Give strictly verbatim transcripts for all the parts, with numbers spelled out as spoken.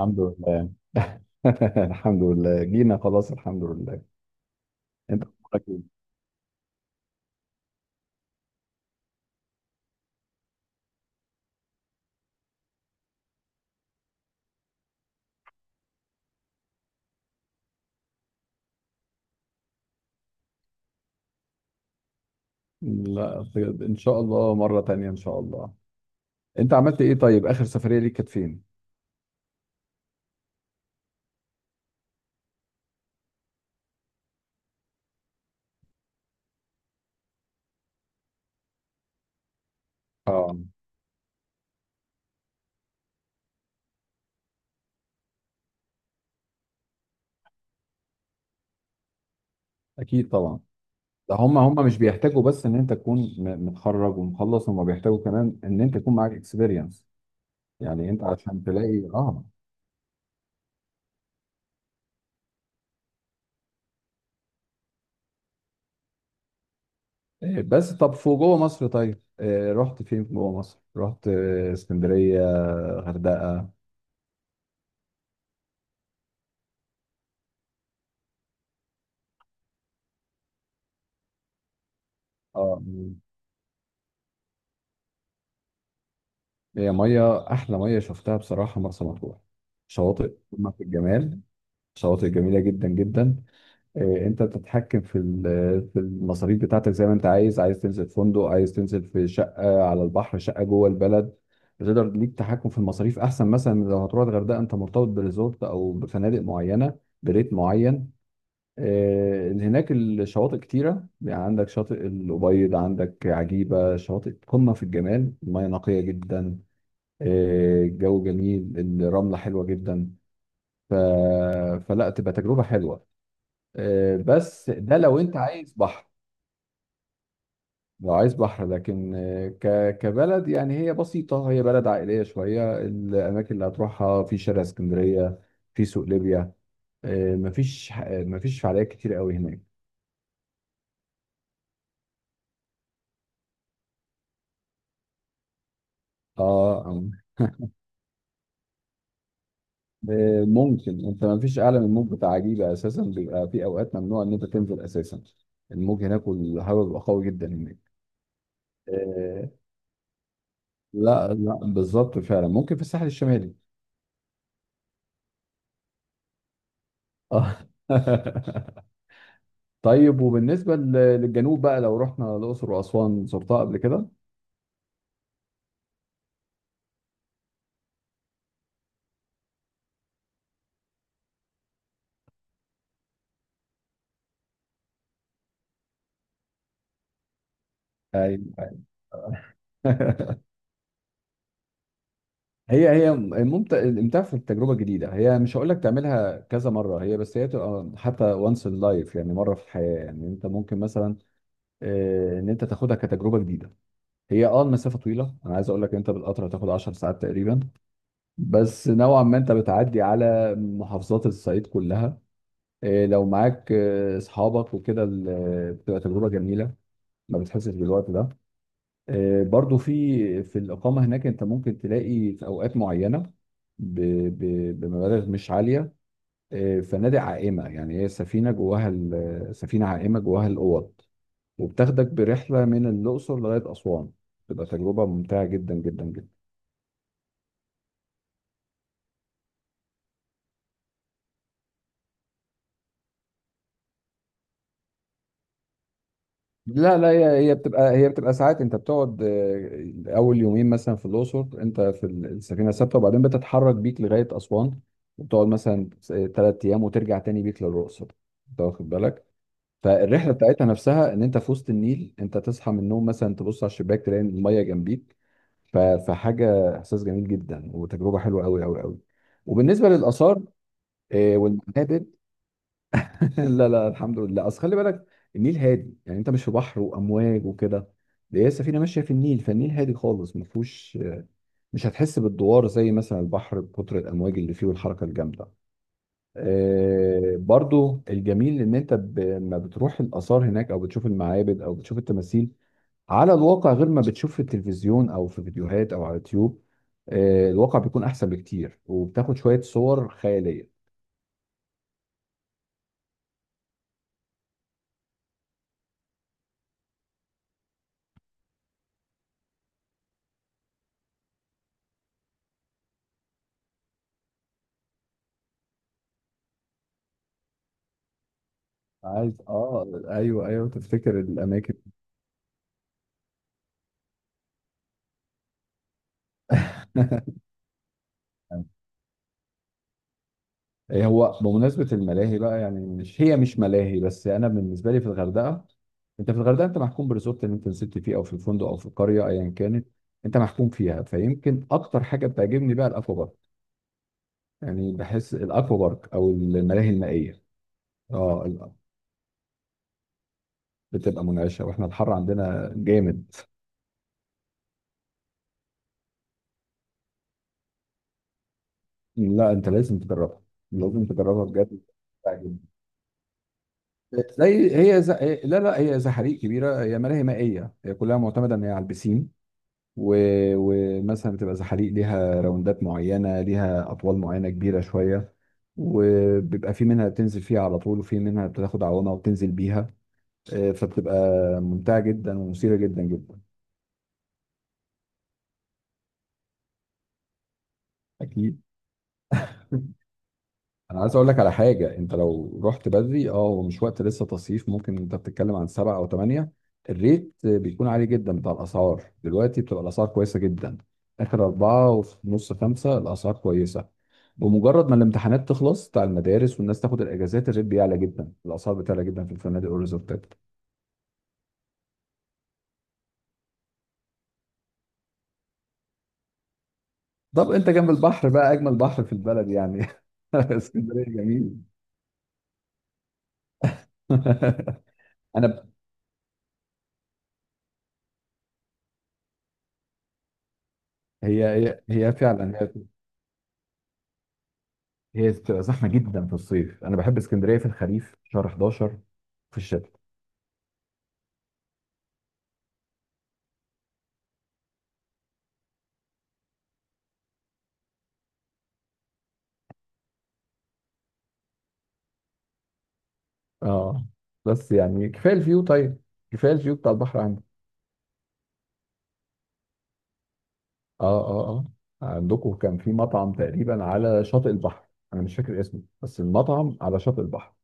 الحمد لله. الحمد لله جينا خلاص، الحمد لله. انت اخبارك ايه؟ لا طيب، ان شاء الله مرة تانية ان شاء الله. انت عملت ايه طيب، اخر سفرية ليك كانت فين؟ اه، اكيد طبعا. ده هم هم مش بيحتاجوا بس ان انت تكون م- متخرج ومخلص، هم بيحتاجوا كمان ان انت يكون معاك اكسبيرينس. يعني انت عشان تلاقي اه، إيه، بس طب فوق جوه مصر طيب. إيه، رحت فين جوه مصر؟ رحت آه، اسكندرية، غردقة. اه، هي ميه احلى مرسى مطروح. ميه شفتها بصراحه مرسى مطروح، شواطئ قمه في الجمال، شواطئ جميله جدا جدا. إيه، انت بتتحكم في ال- في المصاريف بتاعتك زي ما انت عايز عايز تنزل في فندق، عايز تنزل في شقه على البحر، شقه جوه البلد. بتقدر ليك تحكم في المصاريف احسن مثلا من لو هتروح الغردقه. انت مرتبط بريزورت او بفنادق معينه، بريت معين. إيه، هناك الشواطئ كتيره، يعني عندك شاطئ الأبيض، عندك عجيبه، شواطئ قمه في الجمال، الميه نقيه جدا. آه، الجو جميل، الرملة حلوة جدا. ف... فلا تبقى تجربة حلوة. آه، بس ده لو انت عايز بحر. لو عايز بحر لكن آه، ك... كبلد، يعني هي بسيطة، هي بلد عائلية شوية. الأماكن اللي هتروحها في شارع اسكندرية، في سوق ليبيا. آه، مفيش ح- مفيش فعاليات كتير قوي هناك. اه، آه. آه، ممكن انت مفيش اعلى من الموج بتاع عجيبة اساسا، بيبقى في اوقات ممنوع ان انت تنزل اساسا. الموج هناك والهواء بيبقى قوي جدا هناك. آه، لا لا بالظبط فعلا، ممكن في الساحل الشمالي. اه. طيب، وبالنسبة ل- للجنوب بقى، لو رحنا الأقصر وأسوان زرتها قبل كده؟ أيوة. أيوة. هي هي ممتع. الامتاع في التجربة الجديدة، هي مش هقول لك تعملها كذا مرة، هي بس هي تبقى حتى وانس ان لايف، يعني مرة في الحياة. يعني انت ممكن مثلا آه، ان انت تاخدها كتجربة جديدة. هي اه المسافة طويلة، انا عايز اقول لك انت بالقطر هتاخد 10 ساعات تقريبا. بس نوعا ما انت بتعدي على محافظات الصعيد كلها. إيه، لو معاك إيه، اصحابك وكده ال- بتبقى تجربه جميله، ما بتحسش بالوقت ده. إيه، برضو في في الاقامه هناك انت ممكن تلاقي في اوقات معينه ب- ب- بمبالغ مش عاليه. إيه، فنادق عائمه، يعني هي سفينه جواها ال- سفينه عائمه جواها الاوض، وبتاخدك برحله من الاقصر لغايه اسوان. بتبقى تجربه ممتعه جدا جدا جدا. لا لا، هي هي بتبقى هي بتبقى ساعات انت بتقعد. آه، اول يومين مثلا في الاقصر انت في ال- السفينه ثابته، وبعدين بتتحرك بيك لغايه اسوان. وبتقعد مثلا ثلاث ايام وترجع تاني بيك للاقصر، انت واخد بالك؟ فالرحله بتاعتها نفسها ان انت في وسط النيل، انت تصحى من النوم مثلا تبص على الشباك تلاقي الميه جنبيك. ف- فحاجه، احساس جميل جدا، وتجربه حلوه قوي قوي قوي. وبالنسبه للاثار آه، والمعابد. لا لا، الحمد لله. اصل خلي بالك، النيل هادي، يعني انت مش في بحر وامواج وكده. ده هي السفينه ماشيه في النيل، فالنيل هادي خالص ما فيهوش. مش هتحس بالدوار زي مثلا البحر بكتر الامواج اللي فيه والحركه الجامده. آه، برضو الجميل ان انت ب- لما بتروح الاثار هناك او بتشوف المعابد او بتشوف التماثيل على الواقع، غير ما بتشوف في التلفزيون او في فيديوهات او على اليوتيوب. آه، الواقع بيكون احسن بكتير، وبتاخد شويه صور خياليه. عايز، اه، ايوه ايوه تفتكر الاماكن. إيه هو بمناسبة الملاهي بقى، يعني مش هي مش ملاهي بس. أنا بالنسبة لي في الغردقة، أنت في الغردقة أنت محكوم بالريزورت اللي أنت نزلت فيه أو في الفندق أو في القرية أيا كانت. أنت محكوم فيها، فيمكن أكتر حاجة بتعجبني بقى الأكوا بارك. يعني بحس الأكوا بارك أو الملاهي المائية، أه، ال- بتبقى منعشة، وإحنا الحر عندنا جامد. لا، أنت لازم تجربها، لازم تجربها بجد، تعجبني. زي هي زي لا لا، هي زي حريق كبيرة. هي ملاهي مائية، هي كلها معتمدة إن هي على البسين. و- ومثلا بتبقى زحاليق ليها راوندات معينة، ليها أطوال معينة كبيرة شوية. وبيبقى في منها بتنزل فيها على طول، وفي منها بتاخد عوامة وتنزل بيها. آه، فبتبقى ممتعة جدا ومثيرة جدا جدا. أكيد. انا عايز اقول لك على حاجه: انت لو رحت بدري اه هو مش وقت لسه تصيف، ممكن انت بتتكلم عن سبعة او ثمانية، الريت بيكون عالي جدا بتاع الاسعار. دلوقتي بتبقى الاسعار كويسه جدا، اخر اربعة وفي نص خمسة الاسعار كويسه. بمجرد ما الامتحانات تخلص بتاع المدارس والناس تاخد الاجازات، الريت بيعلى جدا، الاسعار بتعلى جدا في الفنادق والريزورتات. طب انت جنب البحر بقى، اجمل بحر في البلد يعني. اسكندريه جميل. انا ب- هي هي هي فعلا، هي بتبقى زحمه جدا في الصيف. انا بحب اسكندريه في الخريف، شهر حداشر، في الشتاء. اه، بس يعني كفايه الفيو طيب، كفايه الفيو بتاع البحر عندك. اه اه اه عندكم كان في مطعم تقريبا على شاطئ البحر، انا مش فاكر اسمه بس المطعم على شاطئ البحر.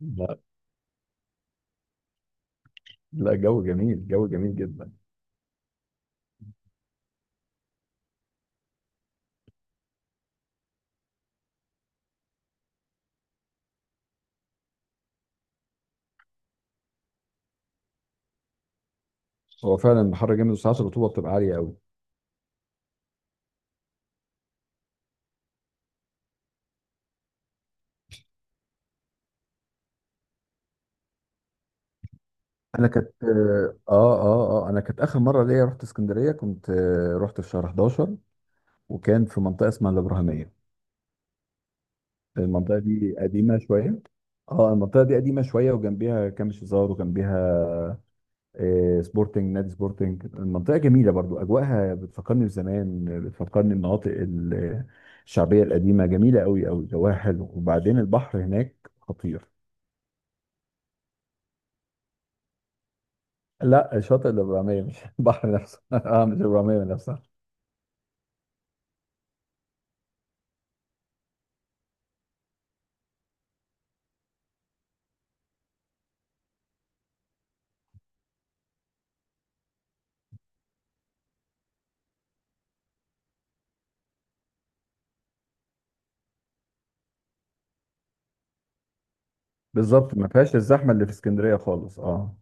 لا لا، جو جميل، جو جميل جدا. هو فعلا البحر جامد، وساعات الرطوبه بتبقى عاليه قوي. انا كانت اه اه اه انا كانت اخر مره ليا رحت اسكندريه، كنت آه، رحت في شهر حداشر. وكان في منطقه اسمها الابراهيميه، المنطقة دي قديمة شوية. اه، المنطقة دي قديمة شوية، وجنبيها كام شيزار، وجنبيها آه، سبورتنج نادي سبورتنج. المنطقة جميلة برضو، أجواءها بتفكرني بزمان، بتفكرني بمناطق ال- الشعبية القديمة. جميلة أوي أوي، جواها حلو، وبعدين البحر هناك خطير. لا، شاطئ الإبرامية مش البحر نفسه، اه، مش الإبرامية نفسها. بالظبط، ما فيهاش الزحمة اللي في اسكندرية خالص. اه،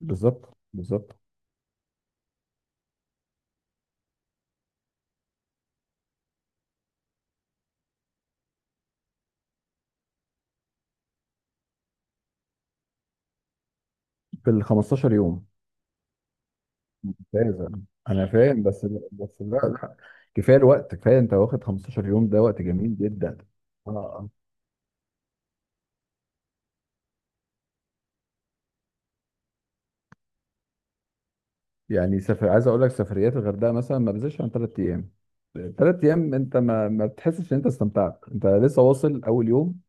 بالظبط بالظبط. في ال خمستاشر يوم؟ لازم. انا فاهم بس. بس لا لا، كفايه الوقت. كفايه انت واخد خمستاشر يوم، ده وقت جميل جدا. اه، آه. يعني سفر، عايز اقول لك سفريات الغردقه مثلا ما بزيدش عن ثلاث ايام. ثلاث ايام انت ما ما بتحسش ان انت استمتعت، انت لسه واصل اول يوم،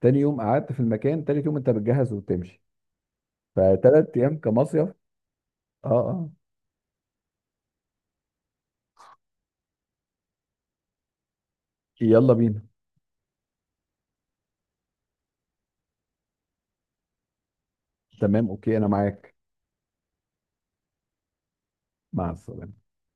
تاني يوم قعدت في المكان، تالت يوم انت بتجهز وبتمشي. فثلاث ايام كمصيف. اه، اه. يلا بينا. تمام، اوكي، انا معاك. مع السلامه.